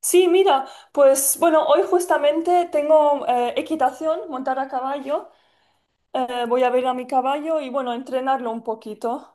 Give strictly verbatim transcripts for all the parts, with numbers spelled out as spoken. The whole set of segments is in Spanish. Sí, mira, pues bueno, hoy justamente tengo eh, equitación, montar a caballo. Eh, voy a ver a mi caballo y bueno, entrenarlo un poquito.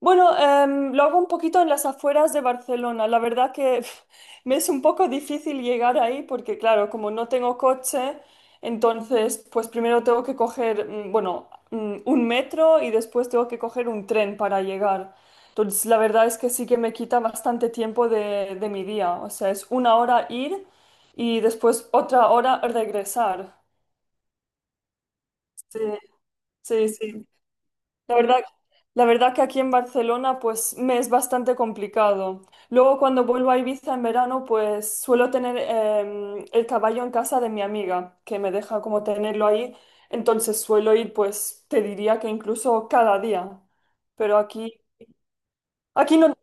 Bueno, em, lo hago un poquito en las afueras de Barcelona. La verdad que pf, me es un poco difícil llegar ahí porque, claro, como no tengo coche, entonces, pues primero tengo que coger, mm, bueno, mm, un metro y después tengo que coger un tren para llegar. Entonces, la verdad es que sí que me quita bastante tiempo de, de mi día. O sea, es una hora ir y después otra hora regresar. Sí, sí, sí. La verdad, la verdad que aquí en Barcelona pues me es bastante complicado. Luego cuando vuelvo a Ibiza en verano pues suelo tener em, el caballo en casa de mi amiga que me deja como tenerlo ahí. Entonces suelo ir pues te diría que incluso cada día. Pero aquí, aquí no.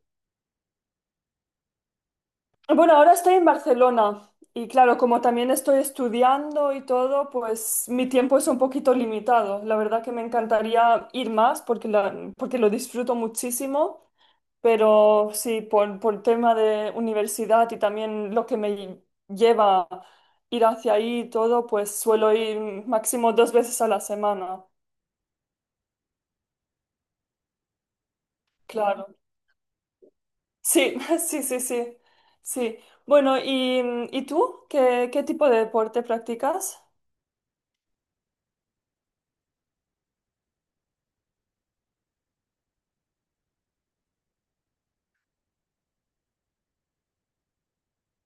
Bueno, ahora estoy en Barcelona y claro, como también estoy estudiando y todo, pues mi tiempo es un poquito limitado. La verdad que me encantaría ir más porque, la- porque lo disfruto muchísimo. Pero sí, por, por tema de universidad y también lo que me lleva a ir hacia ahí y todo, pues suelo ir máximo dos veces a la semana. Claro. Sí, sí, sí, sí. Sí. Bueno, ¿y, y tú? ¿Qué, qué tipo de deporte practicas?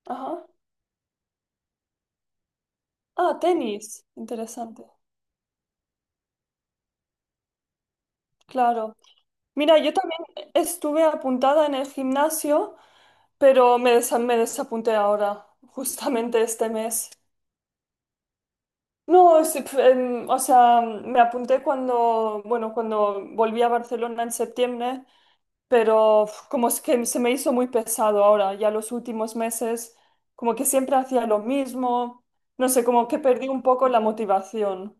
Ajá. Ah, tenis. Interesante. Claro. Mira, yo también estuve apuntada en el gimnasio, pero me, desa- me desapunté ahora, justamente este mes. No, es- pf, em, o sea, me apunté cuando, bueno, cuando volví a Barcelona en septiembre, pero uf, como es que se me hizo muy pesado ahora, ya los últimos meses, como que siempre hacía lo mismo, no sé, como que perdí un poco la motivación.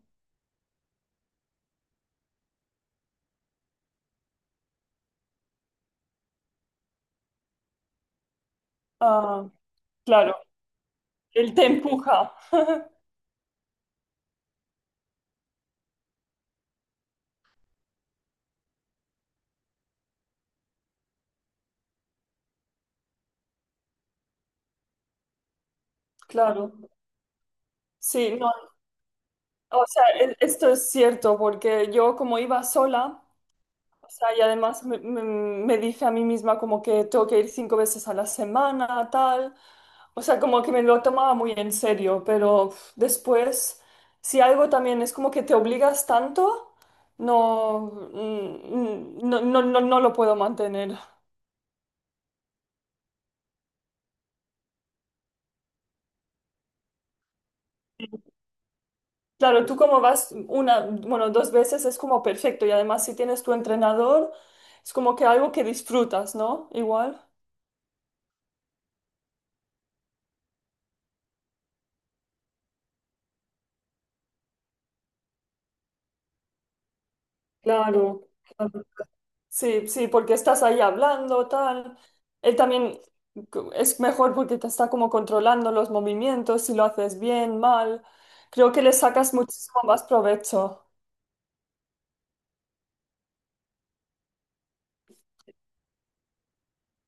Ah, claro, él te empuja, claro. Sí, no, o sea, e- esto es cierto, porque yo como iba sola. O sea, y además me, me- me dice a mí misma como que tengo que ir cinco veces a la semana, tal. O sea, como que me lo tomaba muy en serio, pero uf, después, si algo también es como que te obligas tanto, no, mm, mm, no, no, no, no lo puedo mantener. Claro, tú como vas una, bueno, dos veces es como perfecto y además si tienes tu entrenador, es como que algo que disfrutas, ¿no? Igual. Claro. Sí, sí, porque estás ahí hablando, tal. Él también co- es mejor porque te está como controlando los movimientos, si lo haces bien, mal. Creo que le sacas muchísimo más provecho.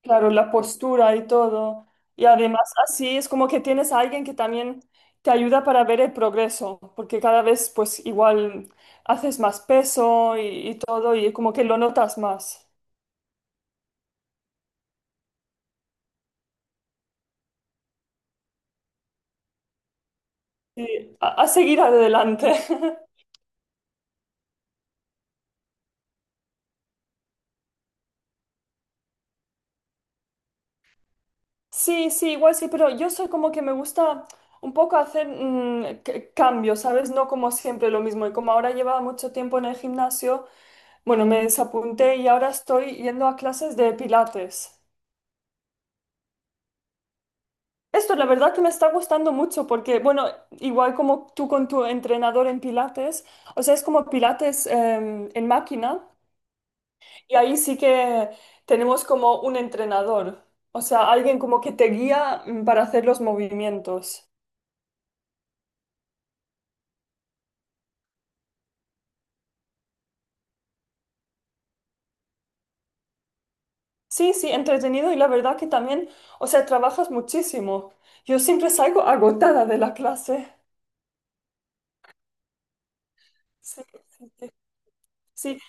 Claro, la postura y todo. Y además así es como que tienes a alguien que también te ayuda para ver el progreso, porque cada vez pues igual haces más peso y, y todo y como que lo notas más. Sí, a a seguir adelante. Sí, sí, igual sí, pero yo soy como que me gusta un poco hacer mm, c- cambios, ¿sabes? No como siempre lo mismo. Y como ahora llevaba mucho tiempo en el gimnasio, bueno, me desapunté y ahora estoy yendo a clases de pilates. Esto la verdad que me está gustando mucho porque, bueno, igual como tú con tu entrenador en pilates, o sea, es como pilates em, en máquina y ahí sí que tenemos como un entrenador, o sea, alguien como que te guía mm, para hacer los movimientos. Sí, sí, entretenido y la verdad que también, o sea, trabajas muchísimo. Yo siempre salgo agotada de la clase. Sí, sí, sí. Sí,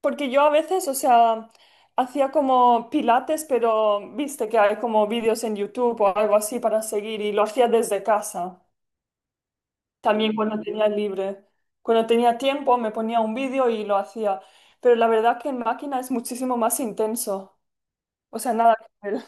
porque yo a veces, o sea, hacía como pilates, pero viste que hay como vídeos en YouTube o algo así para seguir y lo hacía desde casa, también cuando tenía libre. Cuando tenía tiempo me ponía un vídeo y lo hacía, pero la verdad que en máquina es muchísimo más intenso. O sea, nada que ver.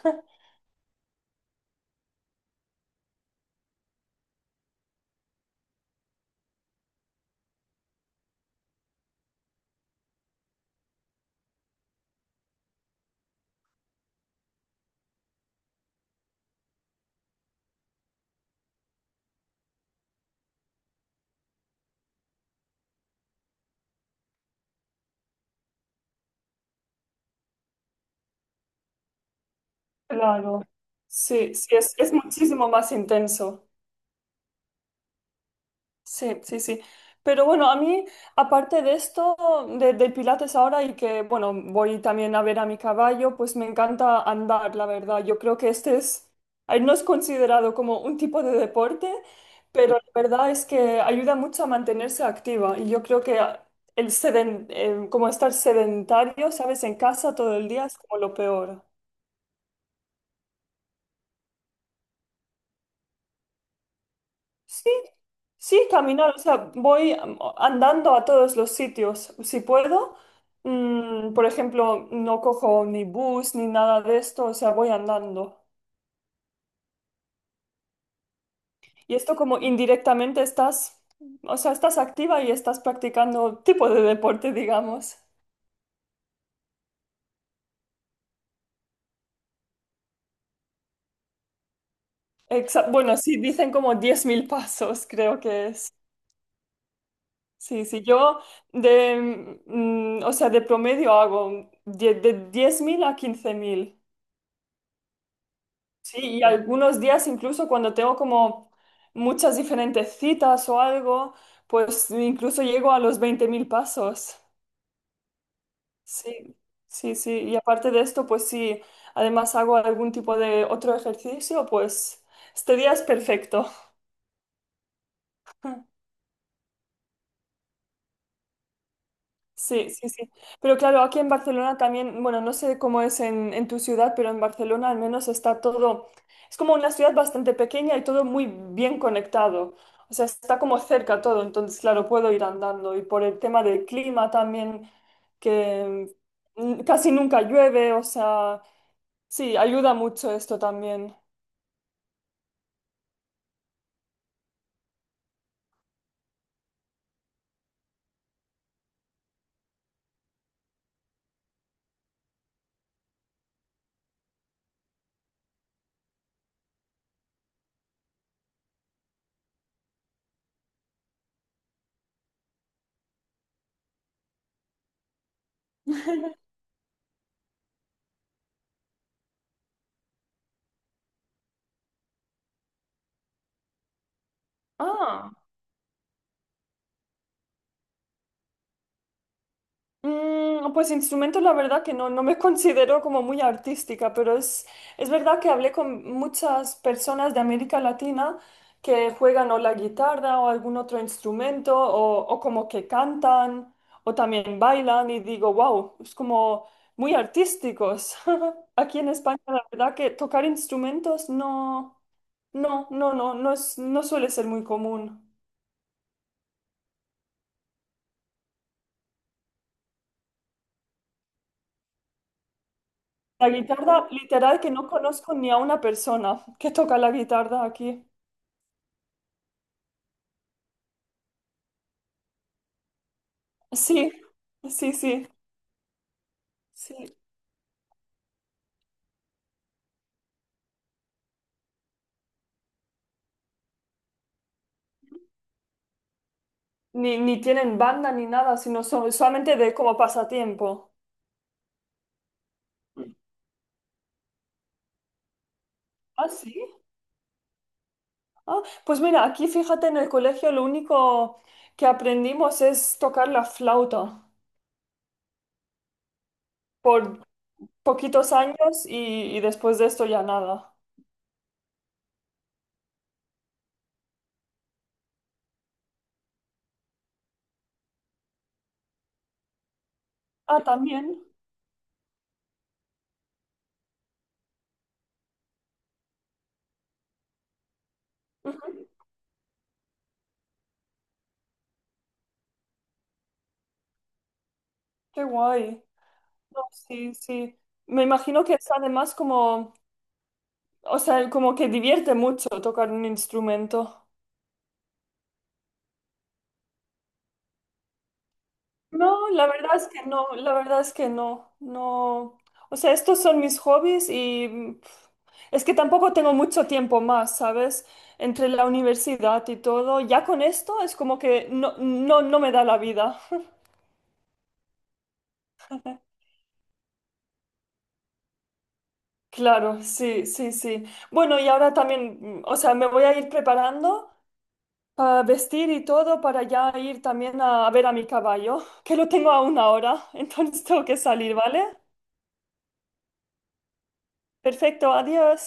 Claro, sí, sí, es, es muchísimo más intenso. Sí, sí, sí. Pero bueno, a mí, aparte de esto, de- del Pilates ahora y que, bueno, voy también a ver a mi caballo, pues me encanta andar, la verdad. Yo creo que este es, ay, no es considerado como un tipo de deporte, pero la verdad es que ayuda mucho a mantenerse activa. Y yo creo que el seden- eh, como estar sedentario, ¿sabes? En casa todo el día es como lo peor. Sí, sí, caminar, o sea, voy am- andando a todos los sitios. Si puedo, mm, por ejemplo, no cojo ni bus ni nada de esto, o sea, voy andando. Y esto como indirectamente estás, o sea, estás activa y estás practicando tipo de deporte, digamos. Exa- bueno, sí, dicen como diez mil pasos, creo que es. Sí, sí, yo de, mm, o sea, de promedio hago die- de diez mil a quince mil. Sí, y algunos días incluso cuando tengo como muchas diferentes citas o algo, pues incluso llego a los veinte mil pasos. Sí, sí, sí. Y aparte de esto, pues sí, además hago algún tipo de otro ejercicio, pues este día es perfecto. Sí, sí, sí. Pero claro, aquí en Barcelona también, bueno, no sé cómo es en, en tu ciudad, pero en Barcelona al menos está todo, es como una ciudad bastante pequeña y todo muy bien conectado. O sea, está como cerca todo, entonces claro, puedo ir andando. Y por el tema del clima también, que mm, casi nunca llueve, o sea, sí, ayuda mucho esto también. Ah. Mm, pues instrumentos, la verdad que no, no me considero como muy artística, pero es, es verdad que hablé con muchas personas de América Latina que juegan o la guitarra o algún otro instrumento o, o como que cantan o también bailan y digo, wow, es como muy artísticos. Aquí en España, la verdad que tocar instrumentos no, no, no, no, no, es, no suele ser muy común. La guitarra, literal, que no conozco ni a una persona que toca la guitarra aquí. Sí, sí, sí, sí. Ni, ni tienen banda ni nada, sino so- solamente de como pasatiempo. Ah, sí. Ah, pues mira, aquí fíjate en el colegio lo único que aprendimos es tocar la flauta por poquitos años y, y después de esto ya nada. Ah, también. Ujú. Qué guay. No, sí, sí. Me imagino que es además como, o sea, como que divierte mucho tocar un instrumento. No, la verdad es que no, la verdad es que no, no. O sea, estos son mis hobbies y mm, pf, es que tampoco tengo mucho tiempo más, ¿sabes? Entre la universidad y todo, ya con esto es como que no, no, no me da la vida. Claro, sí, sí, sí. Bueno, y ahora también, mm, o sea, me voy a ir preparando para vestir y todo para ya ir también a, a ver a mi caballo, que lo tengo a una hora, entonces tengo que salir, ¿vale? Perfecto, adiós.